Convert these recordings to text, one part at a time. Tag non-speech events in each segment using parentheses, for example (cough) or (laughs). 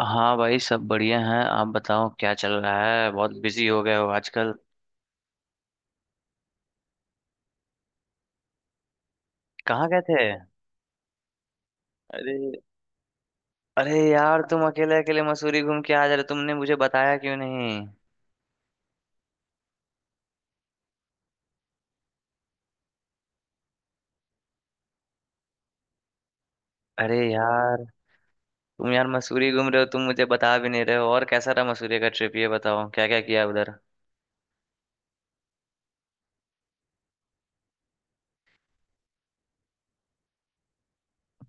हाँ भाई, सब बढ़िया हैं। आप बताओ क्या चल रहा है। बहुत बिजी हो गए हो आजकल। कहाँ गए थे। अरे। अरे यार, तुम अकेले अकेले मसूरी घूम के आ जा रहे हो, तुमने मुझे बताया क्यों नहीं। अरे यार, तुम यार मसूरी घूम रहे हो, तुम मुझे बता भी नहीं रहे हो। और कैसा रहा मसूरी का ट्रिप, ये बताओ क्या क्या किया उधर।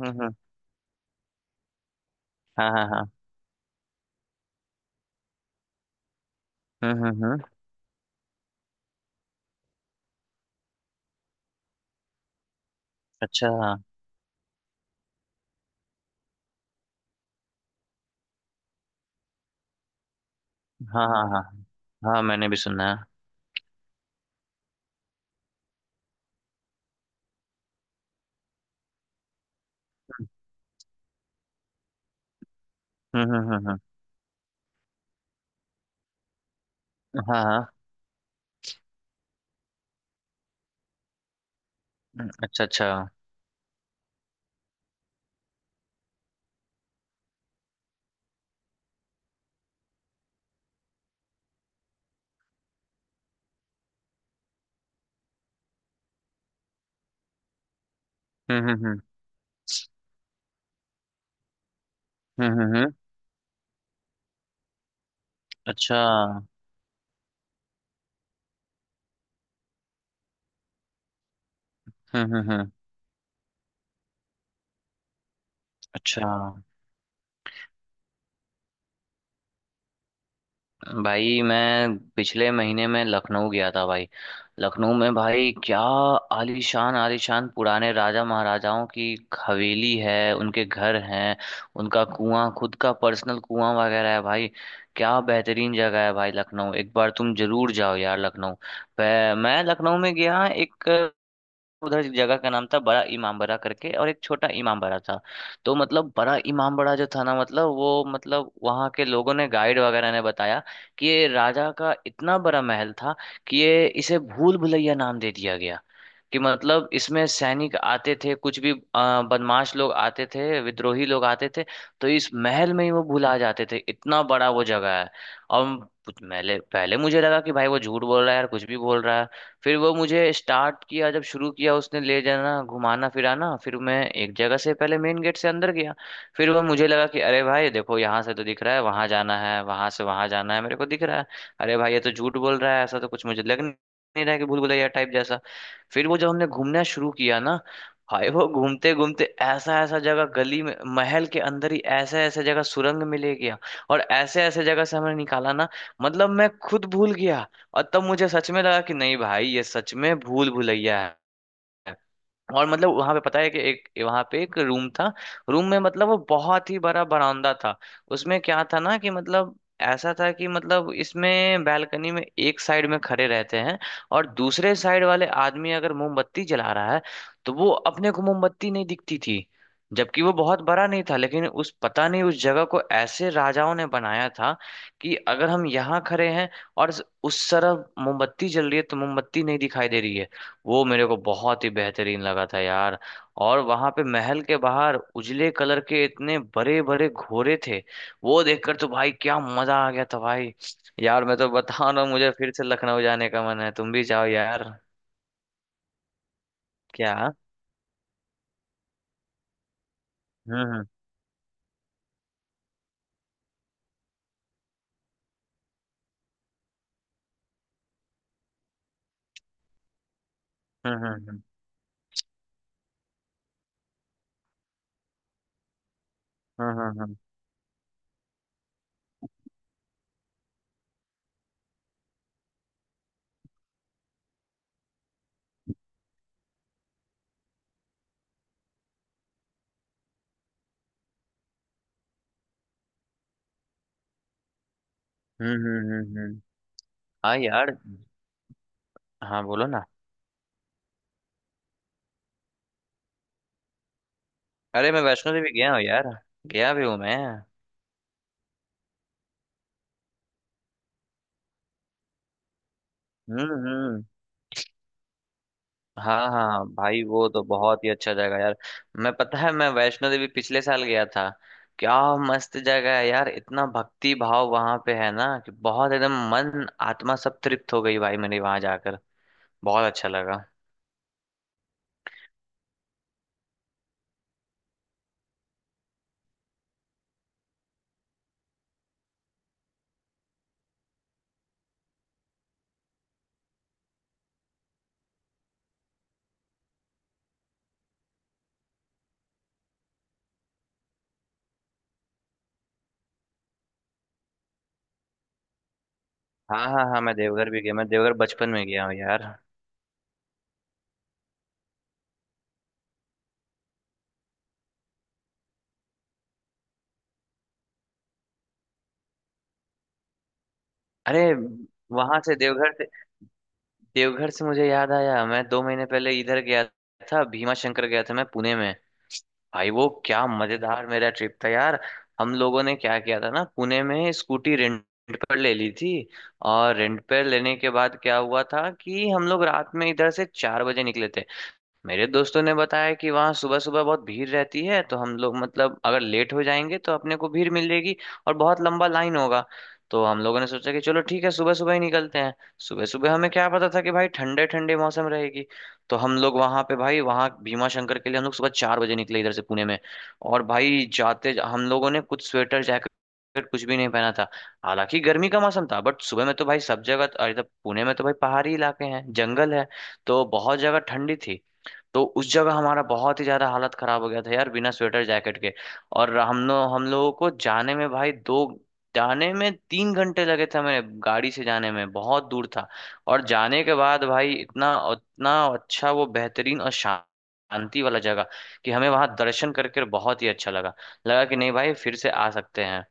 हम्म, हम्म। हाँ, हाँ, हाँ। हम्म, हम्म, हम्म। अच्छा, हाँ, हाँ, हाँ, हाँ। हाँ, मैंने भी सुना है। हम्म, हम्म, हम्म, हम्म। हाँ, हाँ। अच्छा अच्छा। हम्म, हम्म, हम्म, हम्म। हम्म, हम्म। अच्छा। हम्म, हम्म, हम्म। अच्छा। भाई मैं पिछले महीने में लखनऊ गया था भाई। लखनऊ में भाई क्या आलीशान आलीशान पुराने राजा महाराजाओं की हवेली है, उनके घर हैं। उनका कुआं, खुद का पर्सनल कुआं वगैरह है भाई। क्या बेहतरीन जगह है भाई लखनऊ, एक बार तुम जरूर जाओ यार लखनऊ मैं लखनऊ में गया। एक उधर एक जगह का नाम था बड़ा इमामबाड़ा करके, और एक छोटा इमामबाड़ा था। तो मतलब बड़ा इमामबाड़ा जो था ना, मतलब वो, मतलब वहाँ के लोगों ने, गाइड वगैरह ने बताया कि ये राजा का इतना बड़ा महल था कि ये, इसे भूल भुलैया नाम दे दिया गया। कि मतलब इसमें सैनिक आते थे, कुछ भी बदमाश लोग आते थे, विद्रोही लोग आते थे। तो इस महल में ही वो भुला जाते थे, इतना बड़ा वो जगह है। और पहले पहले मुझे लगा कि भाई वो झूठ बोल रहा है यार, कुछ भी बोल रहा है। फिर वो मुझे स्टार्ट किया, जब शुरू किया उसने ले जाना घुमाना फिराना, फिर मैं एक जगह से, पहले मेन गेट से अंदर गया। फिर वो, मुझे लगा कि अरे भाई देखो, यहाँ से तो दिख रहा है वहां जाना है, वहां से वहां जाना है, मेरे को दिख रहा है। अरे भाई ये तो झूठ बोल रहा है, ऐसा तो कुछ मुझे लग नहीं रहा है कि भूल भुलैया टाइप जैसा। फिर वो, जब हमने घूमना शुरू किया ना, भाई वो घूमते घूमते ऐसा ऐसा जगह, गली में महल के अंदर ही ऐसे ऐसे जगह सुरंग मिले गया। और ऐसे ऐसे जगह से हमें निकाला ना, मतलब मैं खुद भूल गया। और तब मुझे सच में लगा कि नहीं भाई, ये सच में भूल भुलैया है। और मतलब वहां पे पता है कि एक, वहां पे एक रूम था। रूम में मतलब वो बहुत ही बड़ा बरामदा था। उसमें क्या था ना कि मतलब, ऐसा था कि मतलब इसमें बैल्कनी में एक साइड में खड़े रहते हैं, और दूसरे साइड वाले आदमी अगर मोमबत्ती जला रहा है, तो वो, अपने को मोमबत्ती नहीं दिखती थी। जबकि वो बहुत बड़ा नहीं था, लेकिन उस, पता नहीं उस जगह को ऐसे राजाओं ने बनाया था कि अगर हम यहाँ खड़े हैं और उस तरफ मोमबत्ती जल रही है, तो मोमबत्ती नहीं दिखाई दे रही है। वो मेरे को बहुत ही बेहतरीन लगा था यार। और वहां पे महल के बाहर उजले कलर के इतने बड़े बड़े घोड़े थे, वो देखकर तो भाई क्या मजा आ गया था भाई। यार मैं तो बता रहा हूँ, मुझे फिर से लखनऊ जाने का मन है, तुम भी जाओ यार। क्या। हम्म, हम्म, हम्म, हम्म। हम्म, हम्म, हम्म, हम्म। हम्म। हम्म। हाँ यार। हाँ, बोलो ना। अरे, मैं वैष्णो देवी गया हूँ यार, गया भी हूँ मैं। हम्म, हम्म। हाँ हाँ भाई, वो तो बहुत ही अच्छा जगह है यार। मैं, पता है मैं वैष्णो देवी पिछले साल गया था। क्या मस्त जगह है यार, इतना भक्ति भाव वहां पे है ना कि बहुत, एकदम मन आत्मा सब तृप्त हो गई भाई, मैंने वहां जाकर बहुत अच्छा लगा। हाँ, हाँ, हाँ, मैं देवघर भी गया, मैं देवघर बचपन में गया हूँ यार। अरे, वहां से, देवघर से, देवघर से मुझे याद आया, मैं दो महीने पहले इधर गया था, भीमा शंकर गया था मैं, पुणे में। भाई वो क्या मजेदार मेरा ट्रिप था यार। हम लोगों ने क्या किया था ना, पुणे में स्कूटी रेंट पर ले ली थी। और रेंट पर लेने के बाद क्या हुआ था कि हम लोग रात में इधर से चार बजे निकले थे। मेरे दोस्तों ने बताया कि वहाँ सुबह सुबह बहुत भीड़ रहती है, तो हम लोग, मतलब अगर लेट हो जाएंगे तो अपने को भीड़ मिल जाएगी, और बहुत लंबा लाइन होगा। तो हम लोगों ने सोचा कि चलो ठीक है, सुबह सुबह ही निकलते हैं। सुबह सुबह हमें क्या पता था कि भाई ठंडे ठंडे मौसम रहेगी। तो हम लोग वहाँ पे, भाई वहाँ भीमा शंकर के लिए हम लोग सुबह चार बजे निकले इधर से, पुणे में। और भाई जाते, हम लोगों ने कुछ स्वेटर जैकेट कुछ भी नहीं पहना था। हालांकि गर्मी का मौसम था, बट सुबह में तो भाई सब जगह, और इधर पुणे में तो भाई पहाड़ी इलाके हैं, जंगल है, तो बहुत जगह ठंडी थी। तो उस जगह हमारा बहुत ही ज्यादा हालत खराब हो गया था यार, बिना स्वेटर जैकेट के। और हम लोगों को जाने में भाई दो जाने में तीन घंटे लगे थे हमें, गाड़ी से, जाने में बहुत दूर था। और जाने के बाद भाई, इतना इतना अच्छा, वो बेहतरीन और शांत, शांति वाला जगह कि हमें वहां दर्शन करके बहुत ही अच्छा लगा। लगा कि नहीं भाई, फिर से आ सकते हैं।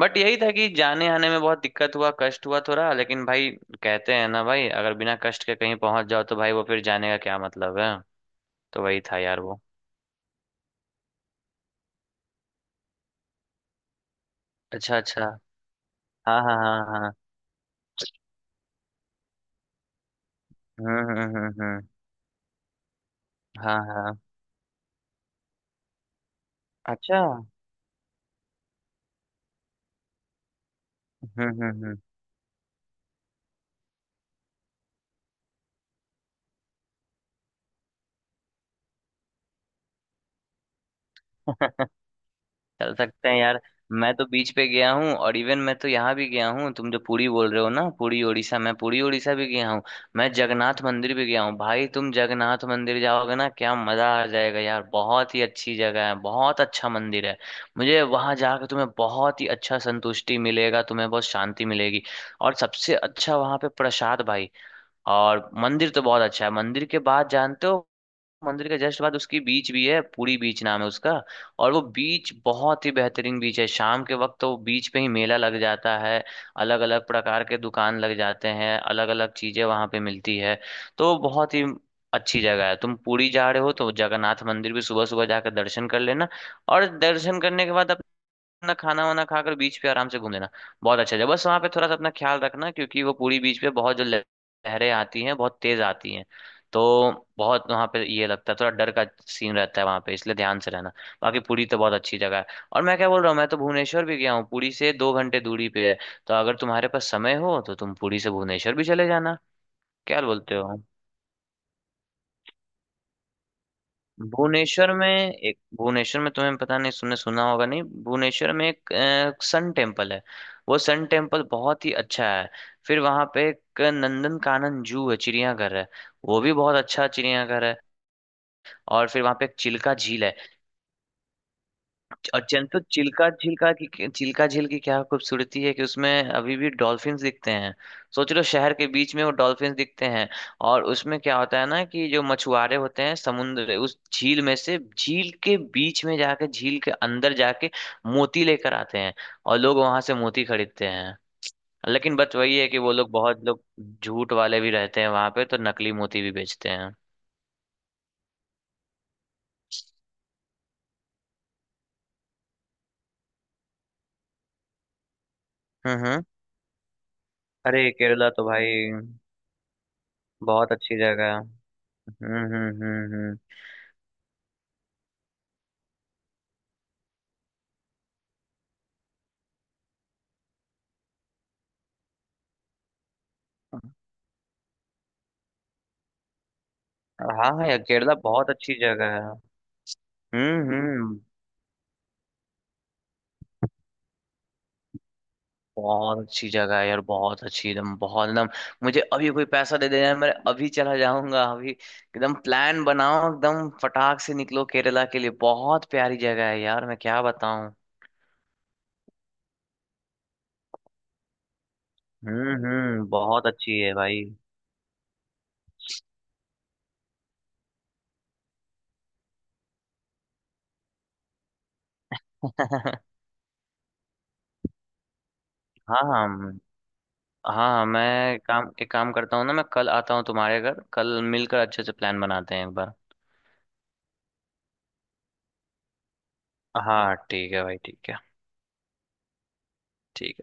बट यही था कि जाने आने में बहुत दिक्कत हुआ, कष्ट हुआ थोड़ा, लेकिन भाई कहते हैं ना भाई, अगर बिना कष्ट के कहीं पहुंच जाओ तो भाई वो फिर जाने का क्या मतलब है। तो वही था यार वो। अच्छा अच्छा। हाँ, हाँ, हाँ, हाँ। हम्म, हम्म, हम्म, हम्म। हाँ, हाँ। अच्छा। हम्म, हम्म, हम्म। (laughs) चल सकते हैं यार। मैं तो बीच पे गया हूँ, और इवन मैं तो यहाँ भी गया हूँ, तुम जो पुरी बोल रहे हो ना, पुरी उड़ीसा, मैं पुरी उड़ीसा भी गया हूँ। मैं जगन्नाथ मंदिर भी गया हूँ भाई। तुम जगन्नाथ मंदिर जाओगे ना क्या मजा आ जाएगा यार, बहुत ही अच्छी जगह है, बहुत अच्छा मंदिर है। मुझे वहां जाकर, तुम्हें बहुत ही अच्छा संतुष्टि मिलेगा, तुम्हें बहुत शांति मिलेगी। और सबसे अच्छा वहां पे प्रसाद भाई। और मंदिर तो बहुत अच्छा है, मंदिर के बाद जानते हो, मंदिर के जस्ट बाद उसकी बीच भी है, पूरी बीच नाम है उसका। और वो बीच बहुत ही बेहतरीन बीच है, शाम के वक्त तो वो बीच पे ही मेला लग जाता है। अलग अलग प्रकार के दुकान लग जाते हैं, अलग अलग चीजें वहां पे मिलती है। तो बहुत ही अच्छी जगह है। तुम पुरी जा रहे हो तो जगन्नाथ मंदिर भी सुबह सुबह जाकर दर्शन कर लेना। और दर्शन करने के बाद अपना खाना वाना खाकर बीच पे आराम से घूम लेना। बहुत अच्छा जगह। बस वहाँ पे थोड़ा सा अपना ख्याल रखना, क्योंकि वो पूरी बीच पे बहुत जो लहरें आती हैं, बहुत तेज आती हैं। तो बहुत, वहाँ पे ये लगता है थोड़ा डर का सीन रहता है वहाँ पे, इसलिए ध्यान से रहना। बाकी पुरी तो बहुत अच्छी जगह है। और मैं क्या बोल रहा हूँ, मैं तो भुवनेश्वर भी गया हूँ। पुरी से दो घंटे दूरी पे है, तो अगर तुम्हारे पास समय हो तो तुम पुरी से भुवनेश्वर भी चले जाना। क्या बोलते हो। भुवनेश्वर में एक, भुवनेश्वर में तुम्हें पता नहीं सुनने, सुना होगा नहीं, भुवनेश्वर में एक सन टेम्पल है। वो सन टेम्पल बहुत ही अच्छा है। फिर वहाँ पे एक नंदन कानन जू है, चिड़ियाघर है। वो भी बहुत अच्छा चिड़ियाघर है। और फिर वहाँ पे एक चिल्का झील है। और जन चिल्का झीलका की चिल्का झील की क्या खूबसूरती है कि उसमें अभी भी डॉल्फिन्स दिखते हैं। सोच लो, शहर के बीच में वो डॉल्फिन्स दिखते हैं। और उसमें क्या होता है ना कि जो मछुआरे होते हैं, समुद्र, उस झील में से, झील के बीच में जाके, झील के अंदर जाके मोती लेकर आते हैं। और लोग वहां से मोती खरीदते हैं। लेकिन बस वही है कि वो लोग, बहुत लोग झूठ वाले भी रहते हैं वहां पे, तो नकली मोती भी बेचते हैं। हम्म, हम्म। अरे केरला तो भाई बहुत अच्छी जगह है। हम्म, हम्म, हम्म, हम्म। हाँ यार, केरला बहुत अच्छी जगह है। हम्म, हम्म। बहुत अच्छी जगह है यार, बहुत अच्छी, एकदम, बहुत एकदम। मुझे अभी कोई पैसा दे देना है, मैं अभी चला जाऊंगा अभी, एकदम प्लान बनाओ, एकदम फटाक से निकलो केरला के लिए। बहुत प्यारी जगह है यार, मैं क्या बताऊं। हम्म, हम्म। बहुत अच्छी है भाई। (laughs) हाँ, हाँ, हाँ, मैं काम एक काम करता हूँ ना, मैं कल आता हूँ तुम्हारे घर, कल मिलकर अच्छे से प्लान बनाते हैं एक बार। हाँ ठीक है भाई, ठीक है। ठीक है।